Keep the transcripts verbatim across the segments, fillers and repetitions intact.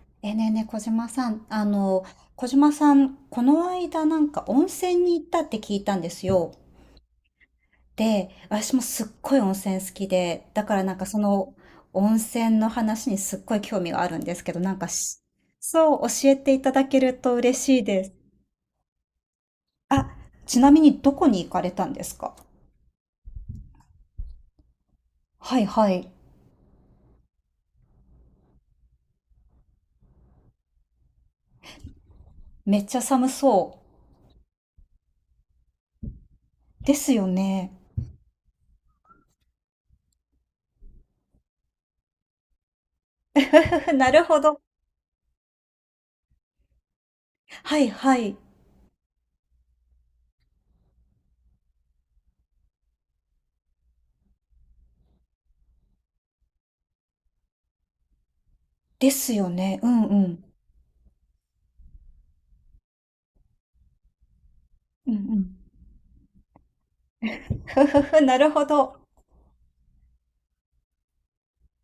ねえねえねえ、小島さん、あの、小島さん、この間なんか温泉に行ったって聞いたんですよ。で、私もすっごい温泉好きで、だからなんかその温泉の話にすっごい興味があるんですけど、なんかし、そう教えていただけると嬉しいです。あ、ちなみにどこに行かれたんですか？はいはい。めっちゃ寒そう。ですよね。ふふなるほど。はいはい。ですよね。うんうん。うんうん。ふふふ、なるほど。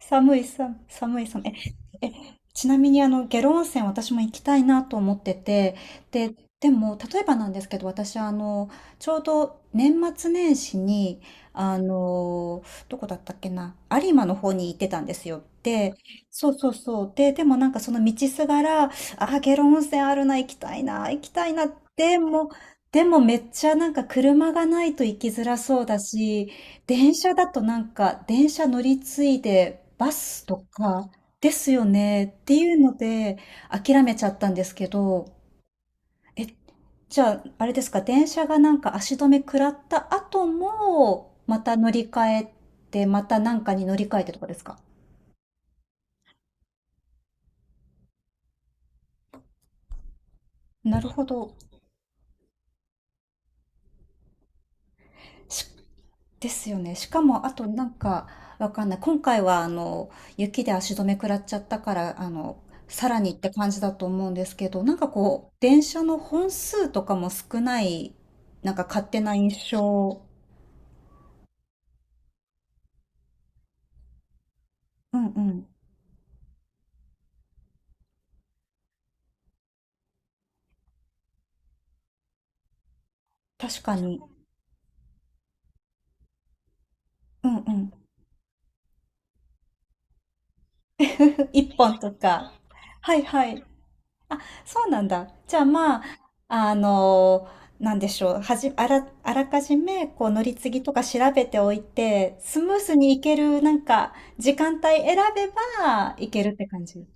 寒い寒い、寒い寒い。え、え、ちなみにあの、下呂温泉私も行きたいなと思ってて、で、でも、例えばなんですけど、私あの、ちょうど年末年始に、あの、どこだったっけな、有馬の方に行ってたんですよ。で、そうそうそう。で、でもなんかその道すがら、あー、下呂温泉あるな、行きたいな、行きたいな、でも、でもめっちゃなんか車がないと行きづらそうだし、電車だとなんか、電車乗り継いでバスとかですよねっていうので諦めちゃったんですけど、え、じゃあ、あれですか、電車がなんか足止め食らった後も、また乗り換えて、またなんかに乗り換えてとかですか？なるほど。ですよね。しかも、あとなんか、わかんない。今回は、あの、雪で足止め食らっちゃったから、あの、さらにって感じだと思うんですけど、なんかこう、電車の本数とかも少ない、なんか勝手な印象。うんうん。確かに。うんうん。一本とか。はいはい。そうなんだ。じゃあまあ、あの、なんでしょう。はじ、あら、あらかじめ、こう、乗り継ぎとか調べておいて、スムースに行ける、なんか、時間帯選べば、行けるって感じ。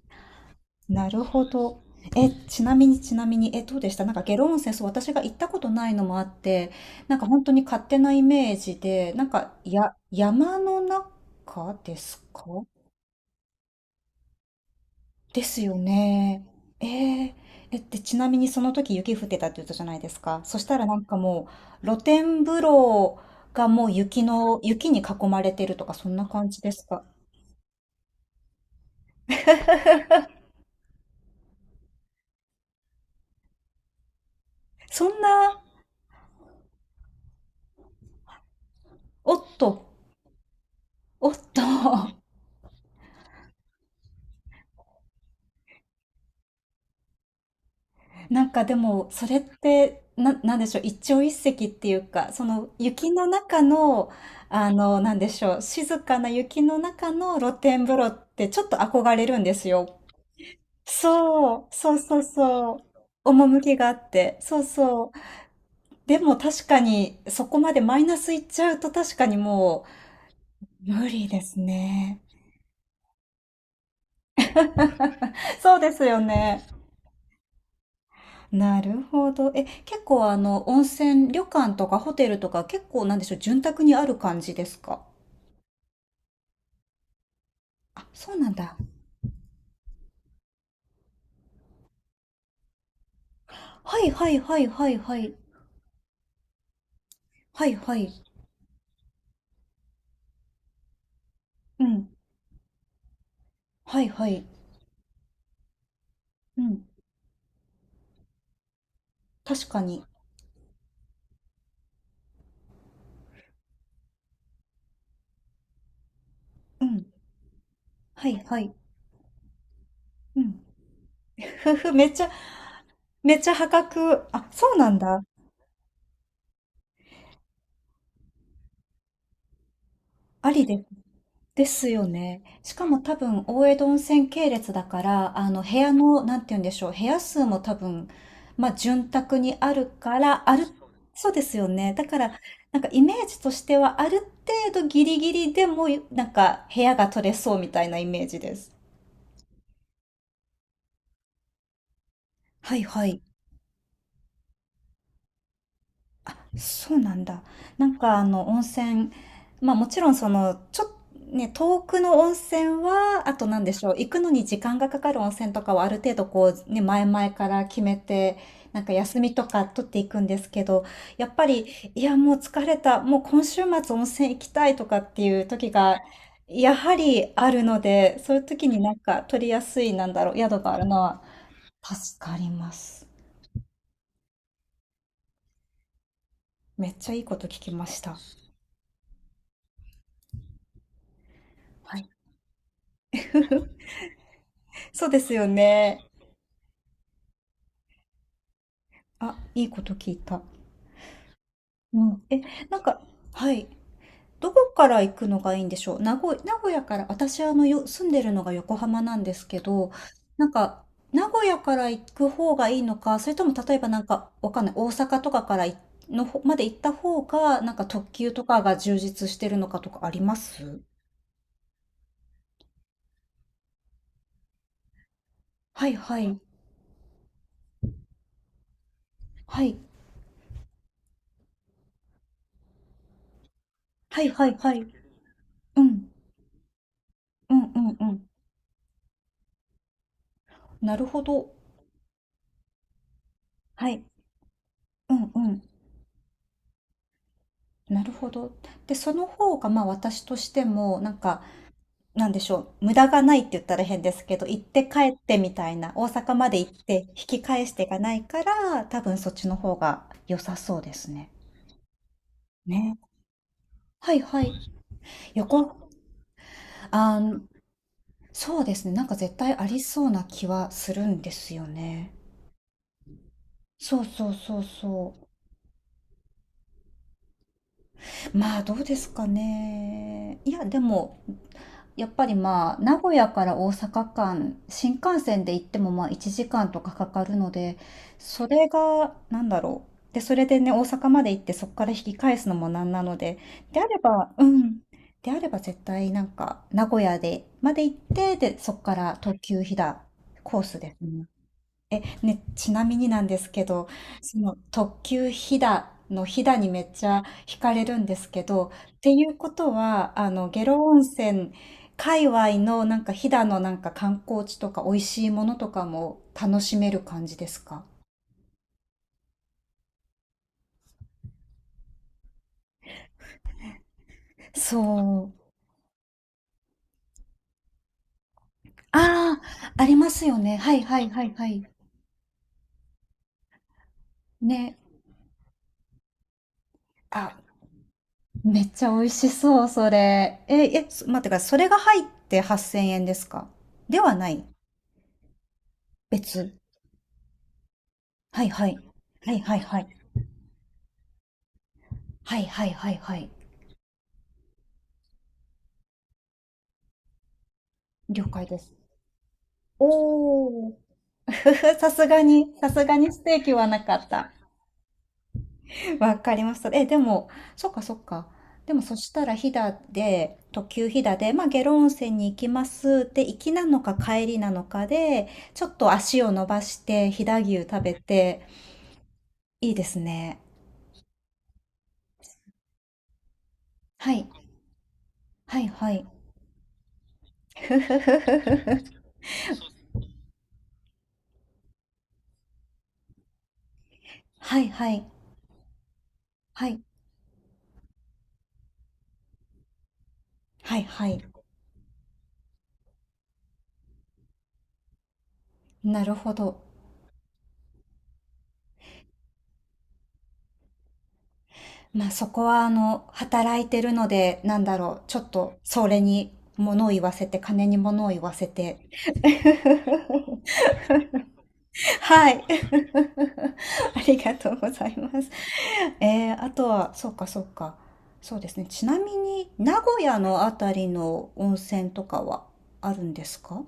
なるほど。え、ちなみに、ちなみに、え、どうでしたなんか、下呂温泉、そう、私が行ったことないのもあって、なんか、本当に勝手なイメージで、なんか、や、山の中ですか？ですよね。えええ、で、ちなみにその時雪降ってたって言ったじゃないですか。そしたらなんかもう露天風呂がもう雪の、雪に囲まれてるとかそんな感じですか。そんな、おっと、おっと、なんかでもそれって、な、なんでしょう、一朝一夕っていうか、その雪の中の、あの、なんでしょう、静かな雪の中の露天風呂ってちょっと憧れるんですよ。そう、そうそうそう。趣があって。そうそう。でも確かに、そこまでマイナスいっちゃうと確かにもう、無理ですね。そうですよね。なるほど。え、結構あの、温泉、旅館とかホテルとか結構なんでしょう、潤沢にある感じですか？あ、そうなんだ。はいはいはいはいはい。はいはい。うん。はいはい。うん。確かに。うん。はいはい。うん。ふふ、めっちゃ、めっちゃ破格。あ、そうなんだ。ありで、ですよね。しかも多分、大江戸温泉系列だから、あの、部屋の、なんて言うんでしょう、部屋数も多分、まあ、潤沢にあるから、ある、そうですよね。だから、なんかイメージとしては、ある程度ギリギリでも、なんか、部屋が取れそうみたいなイメージです。はいはい。そうなんだ。なんかあの温泉、まあもちろんそのちょっとね、遠くの温泉は、あとなんでしょう、行くのに時間がかかる温泉とかはある程度こうね、前々から決めて、なんか休みとか取っていくんですけど、やっぱり、いやもう疲れた、もう今週末温泉行きたいとかっていう時が、やはりあるので、そういう時になんか取りやすい、なんだろう、宿があるのは助かります。めっちゃいいこと聞きました。はい。そうですよね。あ、いいこと聞いた。うん。え、なんか、はい。どこから行くのがいいんでしょう。名古、名古屋から、私あのよ、住んでるのが横浜なんですけど、なんか、名古屋から行く方がいいのか、それとも例えばなんか、わかんない、大阪とかからいの方まで行った方が、なんか特急とかが充実してるのかとかあります？はいはい。はい。はいはいはい。うん。うんうんうん。なるほど。はい。うんなるほど。で、その方が、まあ、私としても、なんか、なんでしょう、無駄がないって言ったら変ですけど、行って帰ってみたいな、大阪まで行って引き返してがないから、多分そっちの方が良さそうですね。ね。はいはい。横、あー、そうですね。なんか絶対ありそうな気はするんですよね。そうそうそうそう。まあ、どうですかね。いや、でも、やっぱりまあ、名古屋から大阪間、新幹線で行ってもまあいちじかんとかかかるので、それが、なんだろう。で、それでね、大阪まで行ってそこから引き返すのもなんなので、であれば、うん。であれば絶対なんか、名古屋で、まで行って、で、そこから特急飛騨コースですね。ね、ちなみになんですけど、その特急ひだのひだにめっちゃ惹かれるんですけど、っていうことは、あの、下呂温泉界隈のなんかひだのなんか観光地とか美味しいものとかも楽しめる感じですか？そう。ああ、ありますよね。はいはいはいはい。ね。あ、めっちゃ美味しそう、それ。え、え、そ待ってください。それが入ってはっせんえんですか？ではない。別。はいはい。はいはいはい。はいはいはいはい。了解です。おお、さすがに、さすがにステーキはなかった。わかりました。え、でも、そっかそっか。でもそしたら飛騨で、特急飛騨で、まあ、下呂温泉に行きますで行きなのか帰りなのかで、ちょっと足を伸ばして飛騨牛食べて、いいですね。はい、はい、はい。はい、はい、はい、はい、はい。なるほど。まあそこはあの、働いてるので、なんだろう、ちょっとそれに物を言わせて、金に物を言わせて。はい。ありがとうございます。えー、あとは、そうかそうか。そうですね。ちなみに、名古屋のあたりの温泉とかはあるんですか？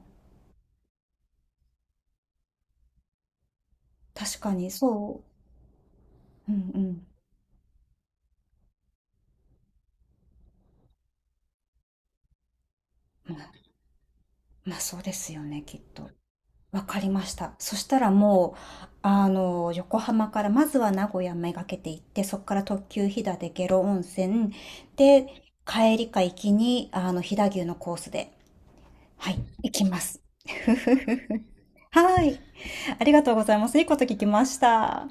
確かに、そう。うんうん。まあ、まあそうですよね、きっと。わかりました。そしたらもう、あの、横浜から、まずは名古屋めがけて行って、そこから特急飛騨で下呂温泉、で、帰りか行きに、あの、飛騨牛のコースで、はい、行きます。はい、ありがとうございます。いいこと聞きました。